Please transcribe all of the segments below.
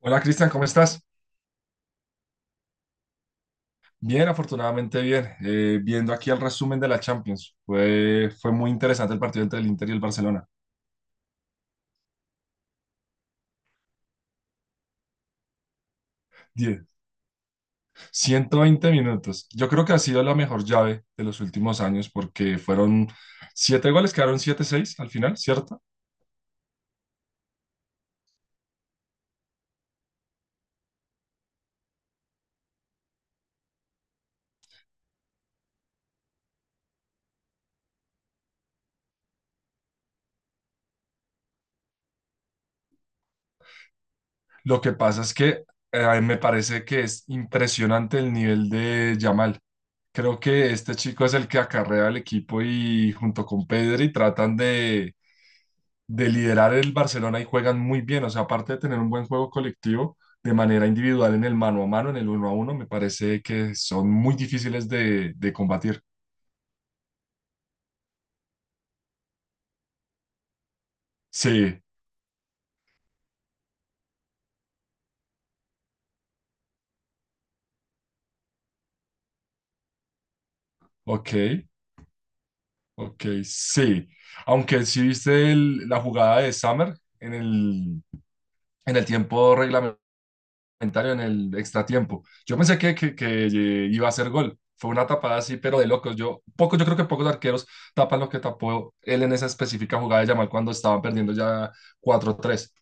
Hola, Cristian, ¿cómo estás? Bien, afortunadamente bien. Viendo aquí el resumen de la Champions, fue muy interesante el partido entre el Inter y el Barcelona. Diez, ciento veinte minutos. Yo creo que ha sido la mejor llave de los últimos años porque fueron 7 goles, quedaron siete seis al final, ¿cierto? Lo que pasa es que me parece que es impresionante el nivel de Yamal. Creo que este chico es el que acarrea al equipo y junto con Pedri tratan de liderar el Barcelona y juegan muy bien. O sea, aparte de tener un buen juego colectivo, de manera individual en el mano a mano, en el uno a uno, me parece que son muy difíciles de combatir. Sí, ok, ok, sí. Aunque sí viste la jugada de Summer en el, en el tiempo comentario en el extratiempo. Yo pensé que iba a hacer gol. Fue una tapada así, pero de locos. Yo creo que pocos arqueros tapan lo que tapó él en esa específica jugada de Yamal cuando estaban perdiendo ya cuatro tres.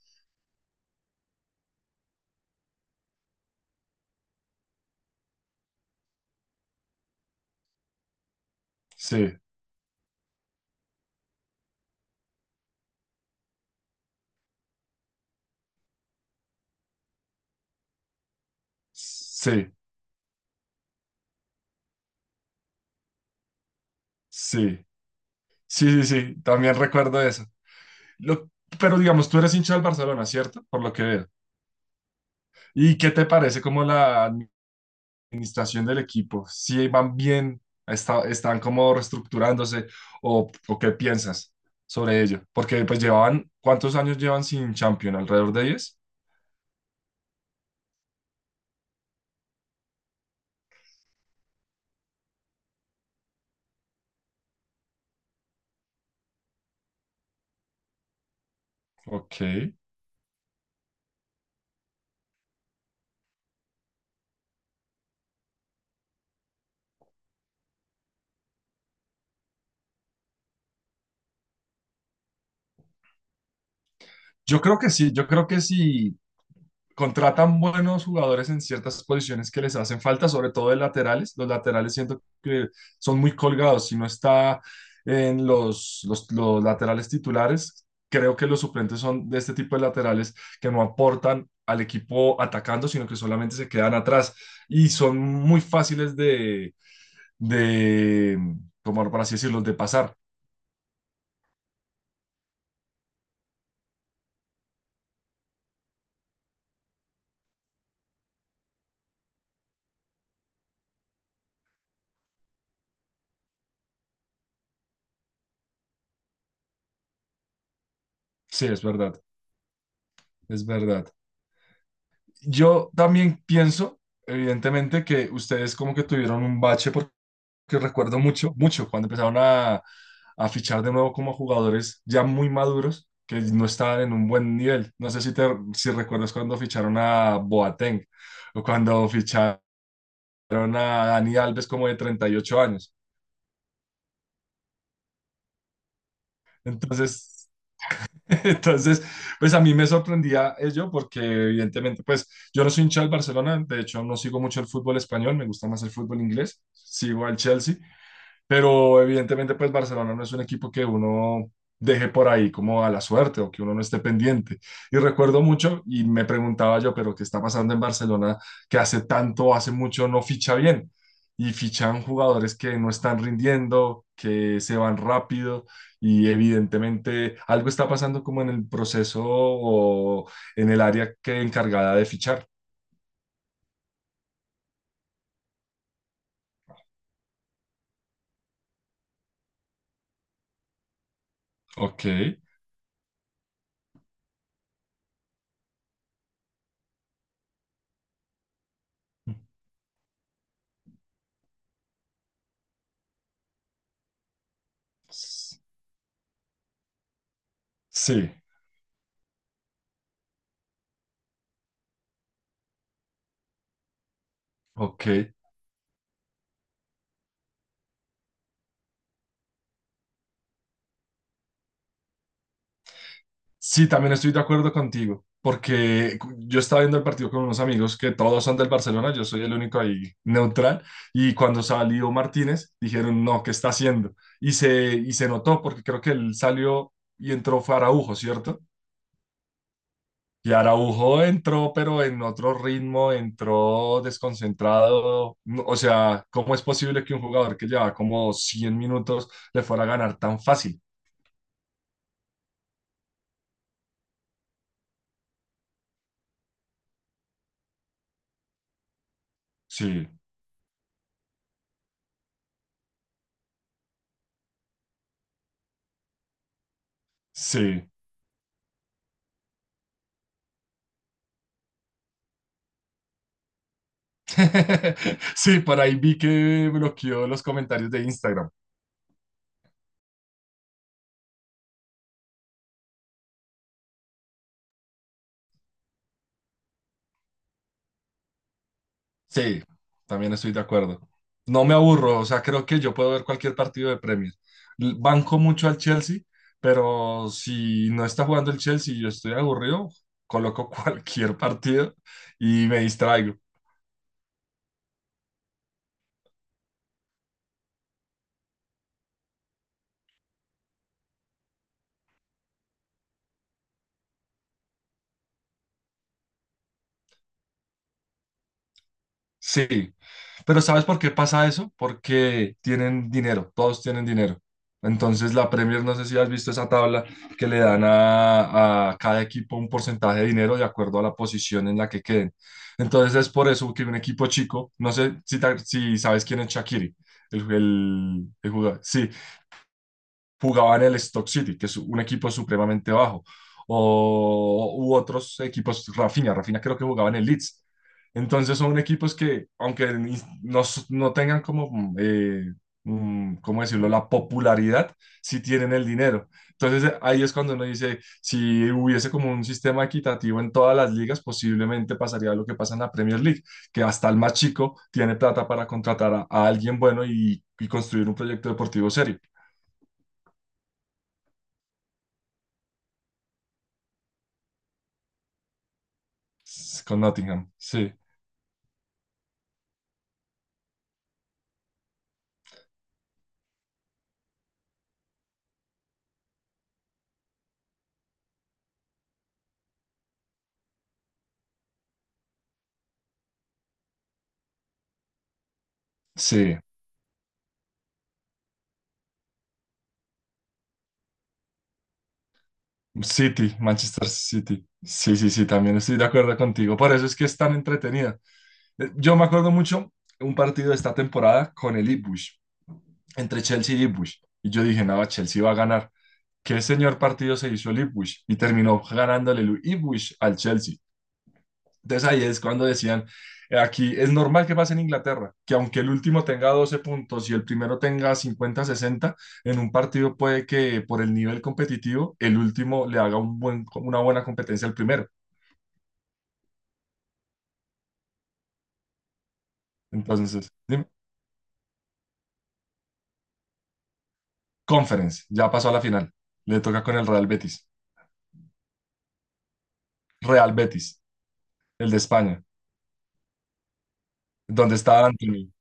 Sí, sí, sí, sí, sí, sí. También recuerdo eso. Lo, pero digamos, tú eres hincha del Barcelona, ¿cierto? Por lo que veo. ¿Y qué te parece como la administración del equipo? ¿Si van bien? ¿Están como reestructurándose? O qué piensas sobre ello? Porque pues llevaban, ¿cuántos años llevan sin Champion? ¿Alrededor de diez? Ok. Yo creo que sí, yo creo que sí contratan buenos jugadores en ciertas posiciones que les hacen falta, sobre todo de laterales. Los laterales siento que son muy colgados. Si no está en los laterales titulares, creo que los suplentes son de este tipo de laterales que no aportan al equipo atacando, sino que solamente se quedan atrás y son muy fáciles de como por así decirlo, de pasar. Sí, es verdad, es verdad. Yo también pienso, evidentemente, que ustedes como que tuvieron un bache porque que recuerdo mucho, mucho, cuando empezaron a fichar de nuevo como jugadores ya muy maduros que no estaban en un buen nivel. No sé si recuerdas cuando ficharon a Boateng o cuando ficharon a Dani Alves como de 38 años. Entonces, entonces, pues a mí me sorprendía ello porque evidentemente, pues yo no soy hincha del Barcelona, de hecho no sigo mucho el fútbol español, me gusta más el fútbol inglés, sigo al Chelsea, pero evidentemente, pues Barcelona no es un equipo que uno deje por ahí como a la suerte o que uno no esté pendiente. Y recuerdo mucho y me preguntaba yo, pero ¿qué está pasando en Barcelona que hace tanto, hace mucho no ficha bien? Y fichan jugadores que no están rindiendo, que se van rápido y evidentemente algo está pasando como en el proceso o en el área que encargada de fichar. Ok. Sí, ok. Sí, también estoy de acuerdo contigo, porque yo estaba viendo el partido con unos amigos que todos son del Barcelona, yo soy el único ahí neutral, y cuando salió Martínez dijeron, no, ¿qué está haciendo? Y se notó, porque creo que él salió y entró fue Araujo, ¿cierto? Y Araujo entró, pero en otro ritmo, entró desconcentrado. No, o sea, ¿cómo es posible que un jugador que lleva como 100 minutos le fuera a ganar tan fácil? Sí, sí. Sí, por ahí vi que bloqueó los comentarios de Instagram. Sí, también estoy de acuerdo. No me aburro, o sea, creo que yo puedo ver cualquier partido de Premier. Banco mucho al Chelsea, pero si no está jugando el Chelsea y yo estoy aburrido, coloco cualquier partido y me distraigo. Sí, pero ¿sabes por qué pasa eso? Porque tienen dinero, todos tienen dinero. Entonces la Premier, no sé si has visto esa tabla que le dan a cada equipo un porcentaje de dinero de acuerdo a la posición en la que queden. Entonces es por eso que un equipo chico, no sé si sabes quién es Shaqiri, el jugador. Sí, jugaba en el Stock City, que es un equipo supremamente bajo, o u otros equipos, Rafinha, Rafinha creo que jugaba en el Leeds. Entonces son equipos que, aunque no tengan como, ¿cómo decirlo?, la popularidad, sí tienen el dinero. Entonces ahí es cuando uno dice, si hubiese como un sistema equitativo en todas las ligas, posiblemente pasaría lo que pasa en la Premier League, que hasta el más chico tiene plata para contratar a alguien bueno y construir un proyecto deportivo serio. Con Nottingham, sí, sí. City, Manchester City. Sí, sí, sí, también estoy de acuerdo contigo. Por eso es que es tan entretenida. Yo me acuerdo mucho un partido de esta temporada con el Ipswich, entre Chelsea y Ipswich. Y yo dije, no, Chelsea va a ganar. ¿Qué señor partido se hizo el Ipswich? Y terminó ganándole el Ipswich al Chelsea. Entonces ahí es cuando decían, aquí es normal que pase en Inglaterra, que aunque el último tenga 12 puntos y el primero tenga 50 60 en un partido puede que por el nivel competitivo el último le haga una buena competencia al primero. Entonces, dime. Conference, ya pasó a la final. Le toca con el Real Betis. Real Betis, el de España, donde está Anthony.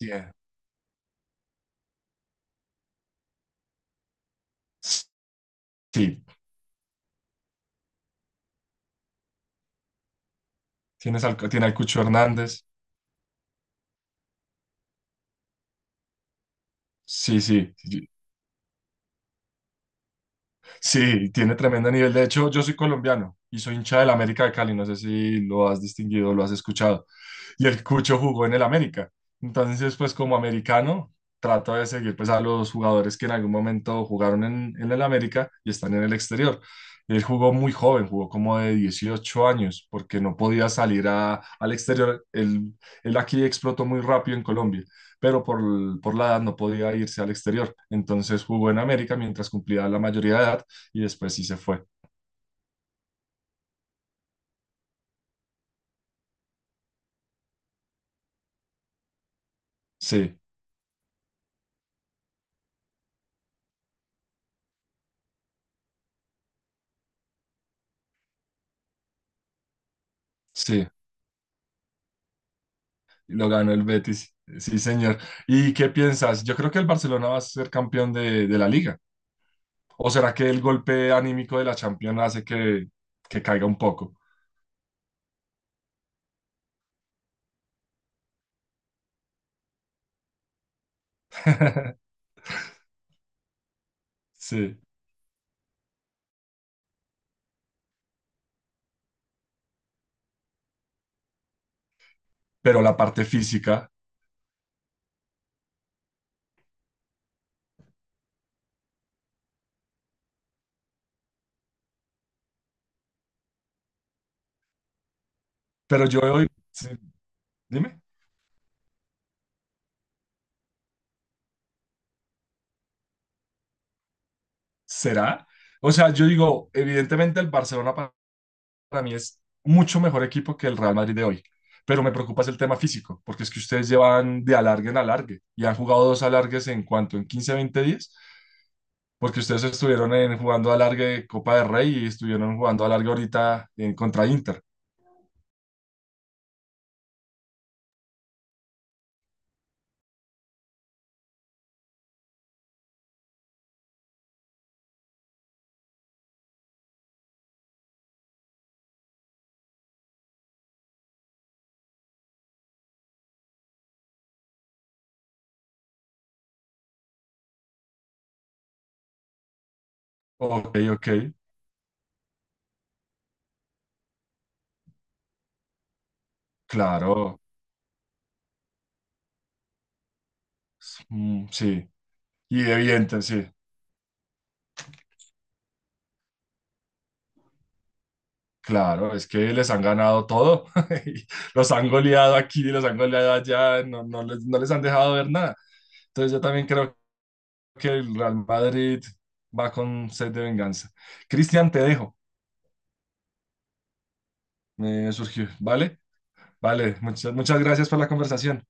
Yeah. Sí, tiene al Cucho Hernández. Sí, sí, sí, sí, tiene tremendo nivel. De hecho, yo soy colombiano y soy hincha del América de Cali. No sé si lo has distinguido, lo has escuchado. Y el Cucho jugó en el América. Entonces, pues como americano, trato de seguir pues a los jugadores que en algún momento jugaron en el América y están en el exterior. Él jugó muy joven, jugó como de 18 años, porque no podía salir al exterior. Él aquí explotó muy rápido en Colombia, pero por la edad no podía irse al exterior. Entonces jugó en América mientras cumplía la mayoría de edad y después sí se fue. Sí, sí, lo ganó el Betis. Sí, señor. ¿Y qué piensas? Yo creo que el Barcelona va a ser campeón de la liga. ¿O será que el golpe anímico de la Champions hace que caiga un poco? Sí, pero la parte física. Pero yo hoy, sí, dime, ¿será? O sea, yo digo, evidentemente el Barcelona para mí es mucho mejor equipo que el Real Madrid de hoy. Pero me preocupa es el tema físico, porque es que ustedes llevan de alargue en alargue y han jugado dos alargues en cuanto en 15, 20 días, porque ustedes estuvieron en, jugando alargue de Copa del Rey y estuvieron jugando alargue ahorita en contra Inter. Ok, ok, claro, mm, sí, y evidente, sí, claro, es que les han ganado todo, y los han goleado aquí, los han goleado allá, no, no les, no les han dejado ver nada. Entonces yo también creo que el Real Madrid va con sed de venganza. Cristian, te dejo. Me surgió, ¿vale? Vale, muchas, muchas gracias por la conversación.